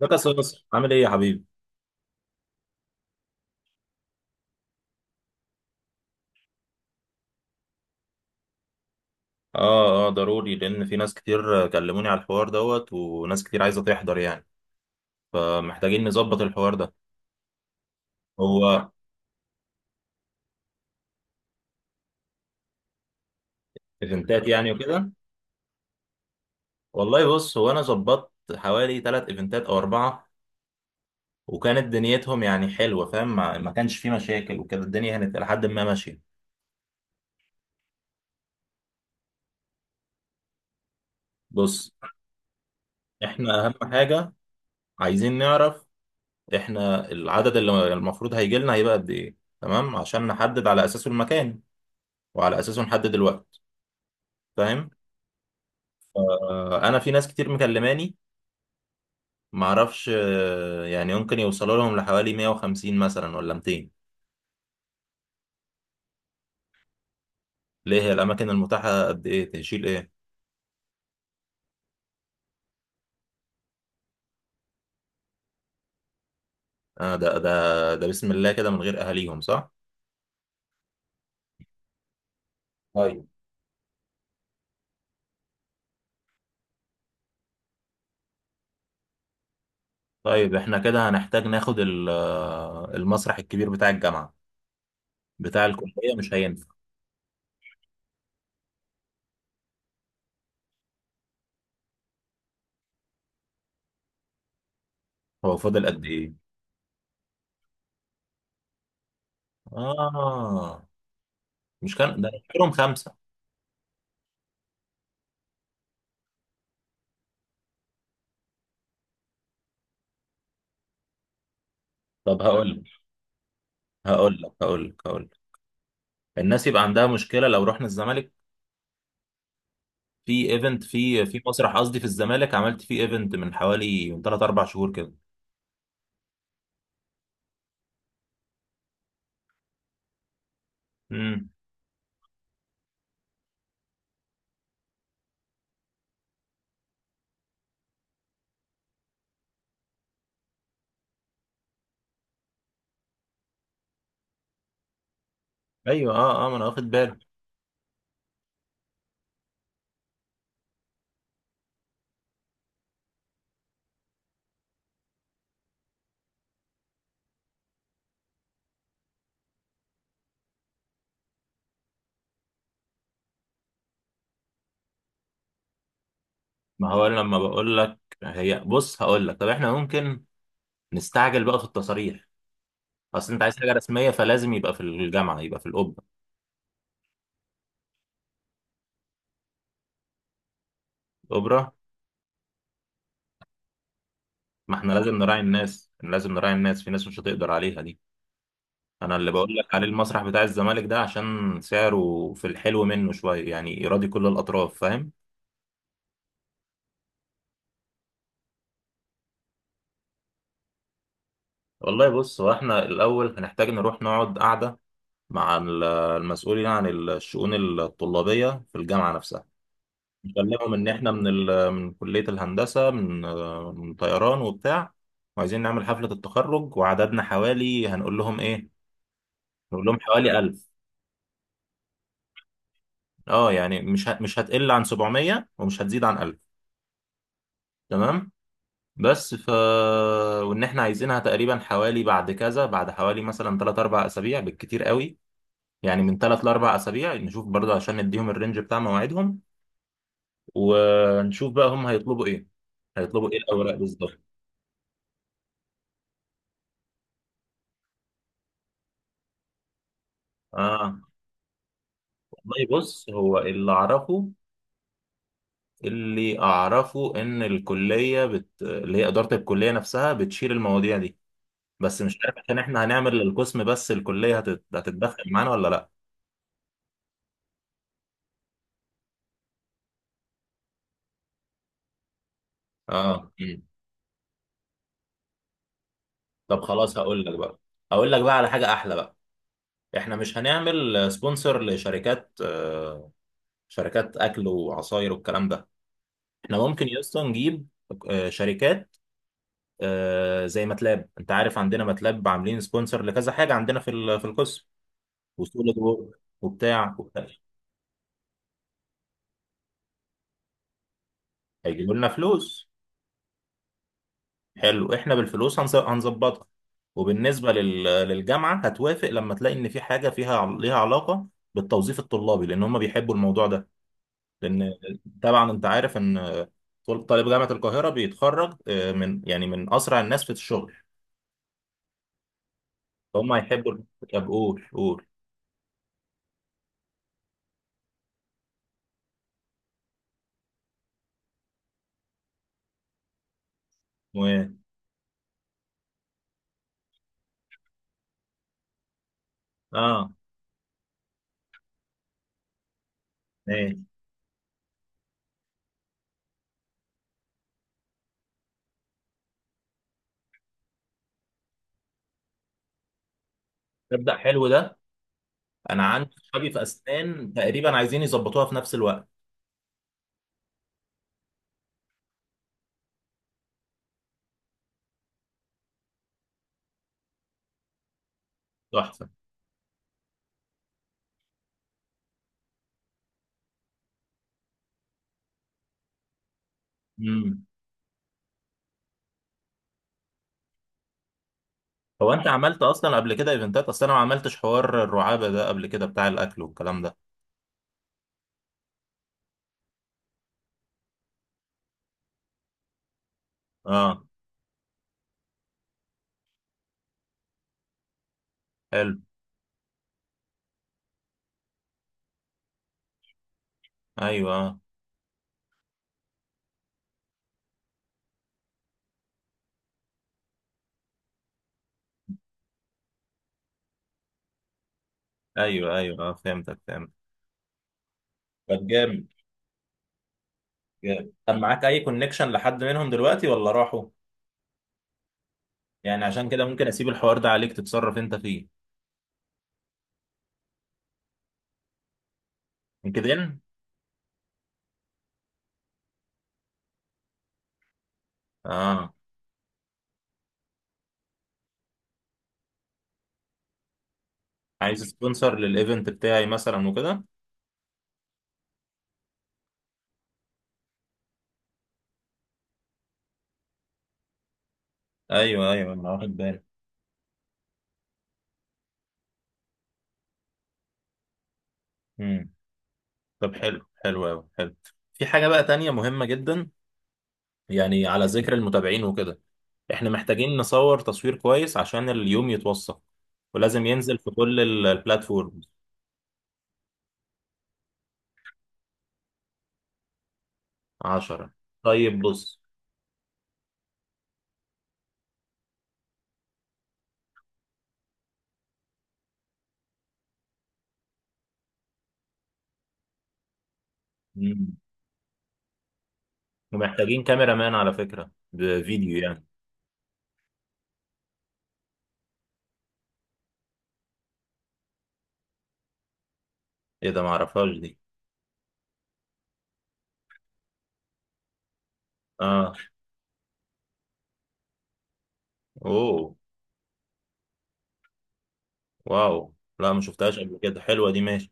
ده كاس مصر عامل ايه يا حبيبي؟ اه اه، ضروري لان في ناس كتير كلموني على الحوار دوت، وناس كتير عايزه تحضر يعني. فمحتاجين نظبط الحوار ده. هو ايفنتات يعني وكده. والله بص، هو انا ظبطت حوالي ثلاث ايفنتات او اربعه، وكانت دنيتهم يعني حلوه، فاهم؟ ما كانش في مشاكل وكده، الدنيا كانت لحد ما ماشيه. بص، احنا اهم حاجه عايزين نعرف احنا العدد اللي المفروض هيجي لنا هيبقى قد ايه، تمام؟ عشان نحدد على اساسه المكان، وعلى اساسه نحدد الوقت، فاهم؟ انا في ناس كتير مكلماني، معرفش، يعني ممكن يوصلوا لهم لحوالي 150 مثلا ولا 200. ليه؟ هي الاماكن المتاحه قد ايه؟ تشيل ايه؟ ده بسم الله كده، من غير اهاليهم صح؟ طيب، طيب احنا كده هنحتاج ناخد المسرح الكبير بتاع الجامعه، بتاع الكليه مش هينفع؟ هو فاضل قد ايه؟ اه. مش كان ده كلهم خمسه؟ طب هقول لك هقول لك. الناس يبقى عندها مشكله لو رحنا الزمالك؟ في ايفنت في مسرح، قصدي في الزمالك، عملت فيه ايفنت من حوالي من 3 4 شهور كده. امم. ايوه، اه، ما انا واخد بالي. ما هو أنا لما بقول لك، هي بص هقول لك، طب احنا ممكن نستعجل بقى في التصاريح. اصل انت عايز حاجه رسميه، فلازم يبقى في الجامعه، يبقى في الاوبرا. الاوبرا؟ ما احنا لازم نراعي الناس، لازم نراعي الناس، في ناس مش هتقدر عليها دي. انا اللي بقول لك عليه المسرح بتاع الزمالك ده عشان سعره في الحلو منه شويه، يعني يراضي كل الاطراف، فاهم؟ والله بص، هو احنا الاول هنحتاج نروح نقعد قعده مع المسؤولين عن الشؤون الطلابية في الجامعة نفسها. بكلمهم إن إحنا من كلية الهندسة، من طيران وبتاع، وعايزين نعمل حفلة التخرج، وعددنا حوالي، هنقول لهم إيه؟ نقول لهم حوالي 1000. أه، يعني مش هتقل عن 700 ومش هتزيد عن 1000. تمام. بس ف، وإن إحنا عايزينها تقريبا حوالي بعد كذا، بعد حوالي مثلا 3 4 أسابيع بالكتير قوي، يعني من 3 ل 4 أسابيع نشوف برضه، عشان نديهم الرينج بتاع مواعيدهم، ونشوف بقى هم هيطلبوا ايه، هيطلبوا ايه الاوراق بالظبط. اه، والله بص، هو اللي اعرفه، اللي اعرفه ان اللي هي اداره الكليه نفسها بتشيل المواضيع دي، بس مش عارف عشان احنا هنعمل للقسم بس، الكليه هتتدخل معانا ولا لا؟ اه. طب خلاص، هقول لك بقى، هقول لك بقى على حاجه احلى بقى. احنا مش هنعمل سبونسر لشركات، شركات اكل وعصاير والكلام ده. احنا ممكن يا اسطى نجيب شركات، زي ماتلاب، انت عارف عندنا ماتلاب عاملين سبونسر لكذا حاجه عندنا في في القسم، وسوليد وورك وبتاع وبتاع. هيجيبوا لنا فلوس. حلو، احنا بالفلوس هنظبطها. وبالنسبه للجامعه، هتوافق لما تلاقي ان في حاجه فيها ليها علاقه بالتوظيف الطلابي، لان هم بيحبوا الموضوع ده. لان طبعا انت عارف ان طالب جامعه القاهره بيتخرج، من يعني من اسرع الناس في الشغل. هم هيحبوا. طب قول قول. و، اه ماشي. تبدأ حلو ده. انا عندي صحابي في اسنان تقريبا عايزين يظبطوها في نفس الوقت. تحفه. امم. هو انت عملت اصلا قبل كده ايفنتات؟ اصلا انا ما عملتش حوار الرعابه ده قبل كده، بتاع الاكل والكلام ده. اه. حلو. ايوه، آه. ايوه ايوه، اه فهمتك، فهمت. طب جامد، جامد. طب معاك اي كونكشن لحد منهم دلوقتي ولا راحوا؟ يعني عشان كده ممكن اسيب الحوار ده عليك تتصرف انت فيه. لينكدين. اه، عايز سبونسر للايفنت بتاعي مثلا وكده. ايوه ايوه، انا واخد بالي. طب حلو، حلو قوي، حلو. في حاجة بقى تانية مهمة جدا، يعني على ذكر المتابعين وكده، احنا محتاجين نصور تصوير كويس عشان اليوم يتوثق، ولازم ينزل في كل البلاتفورمز. عشرة؟ طيب بص. مم. ومحتاجين كاميرا مان على فكرة، بفيديو يعني. ايه ده؟ معرفهاش دي. اه. اوه. واو. لا، ما شفتهاش قبل كده، حلوة دي، ماشي.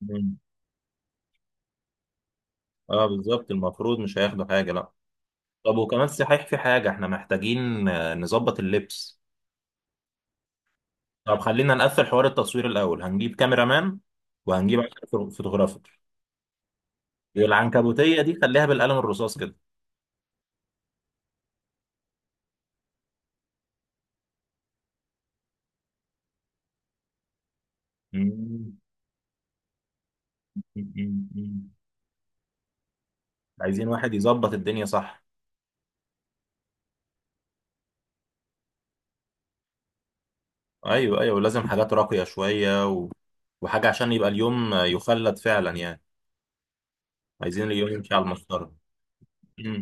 مم. اه بالظبط، المفروض مش هياخدوا حاجة لا. طب وكمان صحيح، في حاجة احنا محتاجين، نظبط اللبس. طب خلينا نقفل حوار التصوير الأول، هنجيب كاميرا مان وهنجيب 10 فوتوغرافر. العنكبوتية دي خليها بالقلم الرصاص كده. مم. مم. مم. عايزين واحد يظبط الدنيا، صح؟ أيوه أيوه، ولازم حاجات راقية شوية، و، وحاجة عشان يبقى اليوم يخلد فعلا يعني. عايزين اليوم يمشي على المسطرة. مم.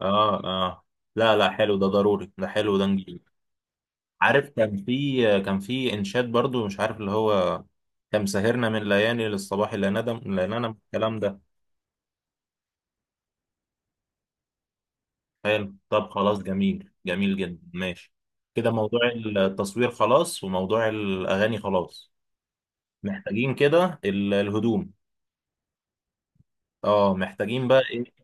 آه، لا لا، حلو ده، ضروري ده، حلو ده، نجيب. عارف كان في، كان في إنشاد برضو، مش عارف اللي هو، كم سهرنا من ليالي للصباح، لا ندم لا ننم، الكلام ده. حلو، طب خلاص، جميل، جميل جدا، ماشي. كده موضوع التصوير خلاص، وموضوع الأغاني خلاص. محتاجين كده الهدوم. اه، محتاجين بقى ايه؟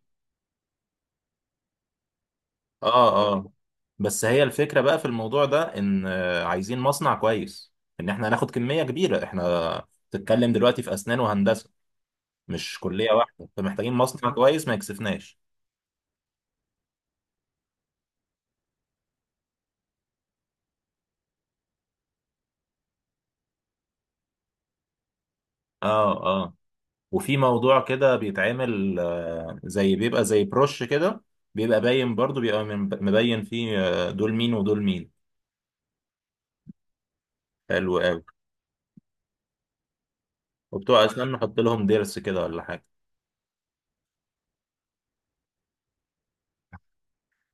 اه بس هي الفكرة بقى في الموضوع ده ان، عايزين مصنع كويس، ان احنا هناخد كمية كبيرة، احنا بتتكلم دلوقتي في أسنان وهندسة، مش كلية واحدة، فمحتاجين مصنع كويس ما يكسفناش. اه، آه. وفي موضوع كده بيتعمل، زي، بيبقى زي بروش كده، بيبقى باين برضو، بيبقى مبين فيه، دول مين ودول مين. حلو قوي. وبتوع اسنان نحط لهم ضرس كده ولا حاجه.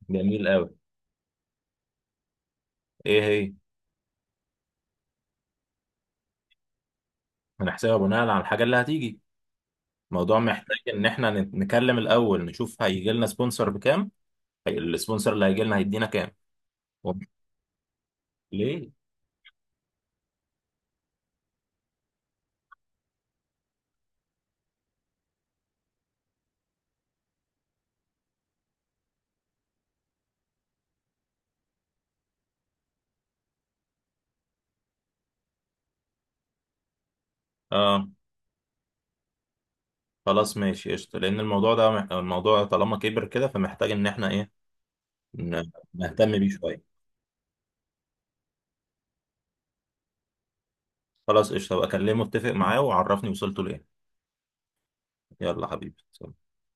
جميل قوي. ايه هي؟ هنحسبها بناء على الحاجه اللي هتيجي. الموضوع محتاج ان احنا نكلم الاول، نشوف هيجي لنا سبونسر بكام. هي، السبونسر اللي هيجي لنا هيدينا كام. و. ليه؟ اه، خلاص ماشي قشطه، لان الموضوع ده الموضوع طالما كبر كده، فمحتاج ان احنا ايه، نهتم بيه شويه. خلاص قشطة بقى، أكلمه، أتفق معاه وعرفني وصلته لإيه. يلا حبيبي، سلام.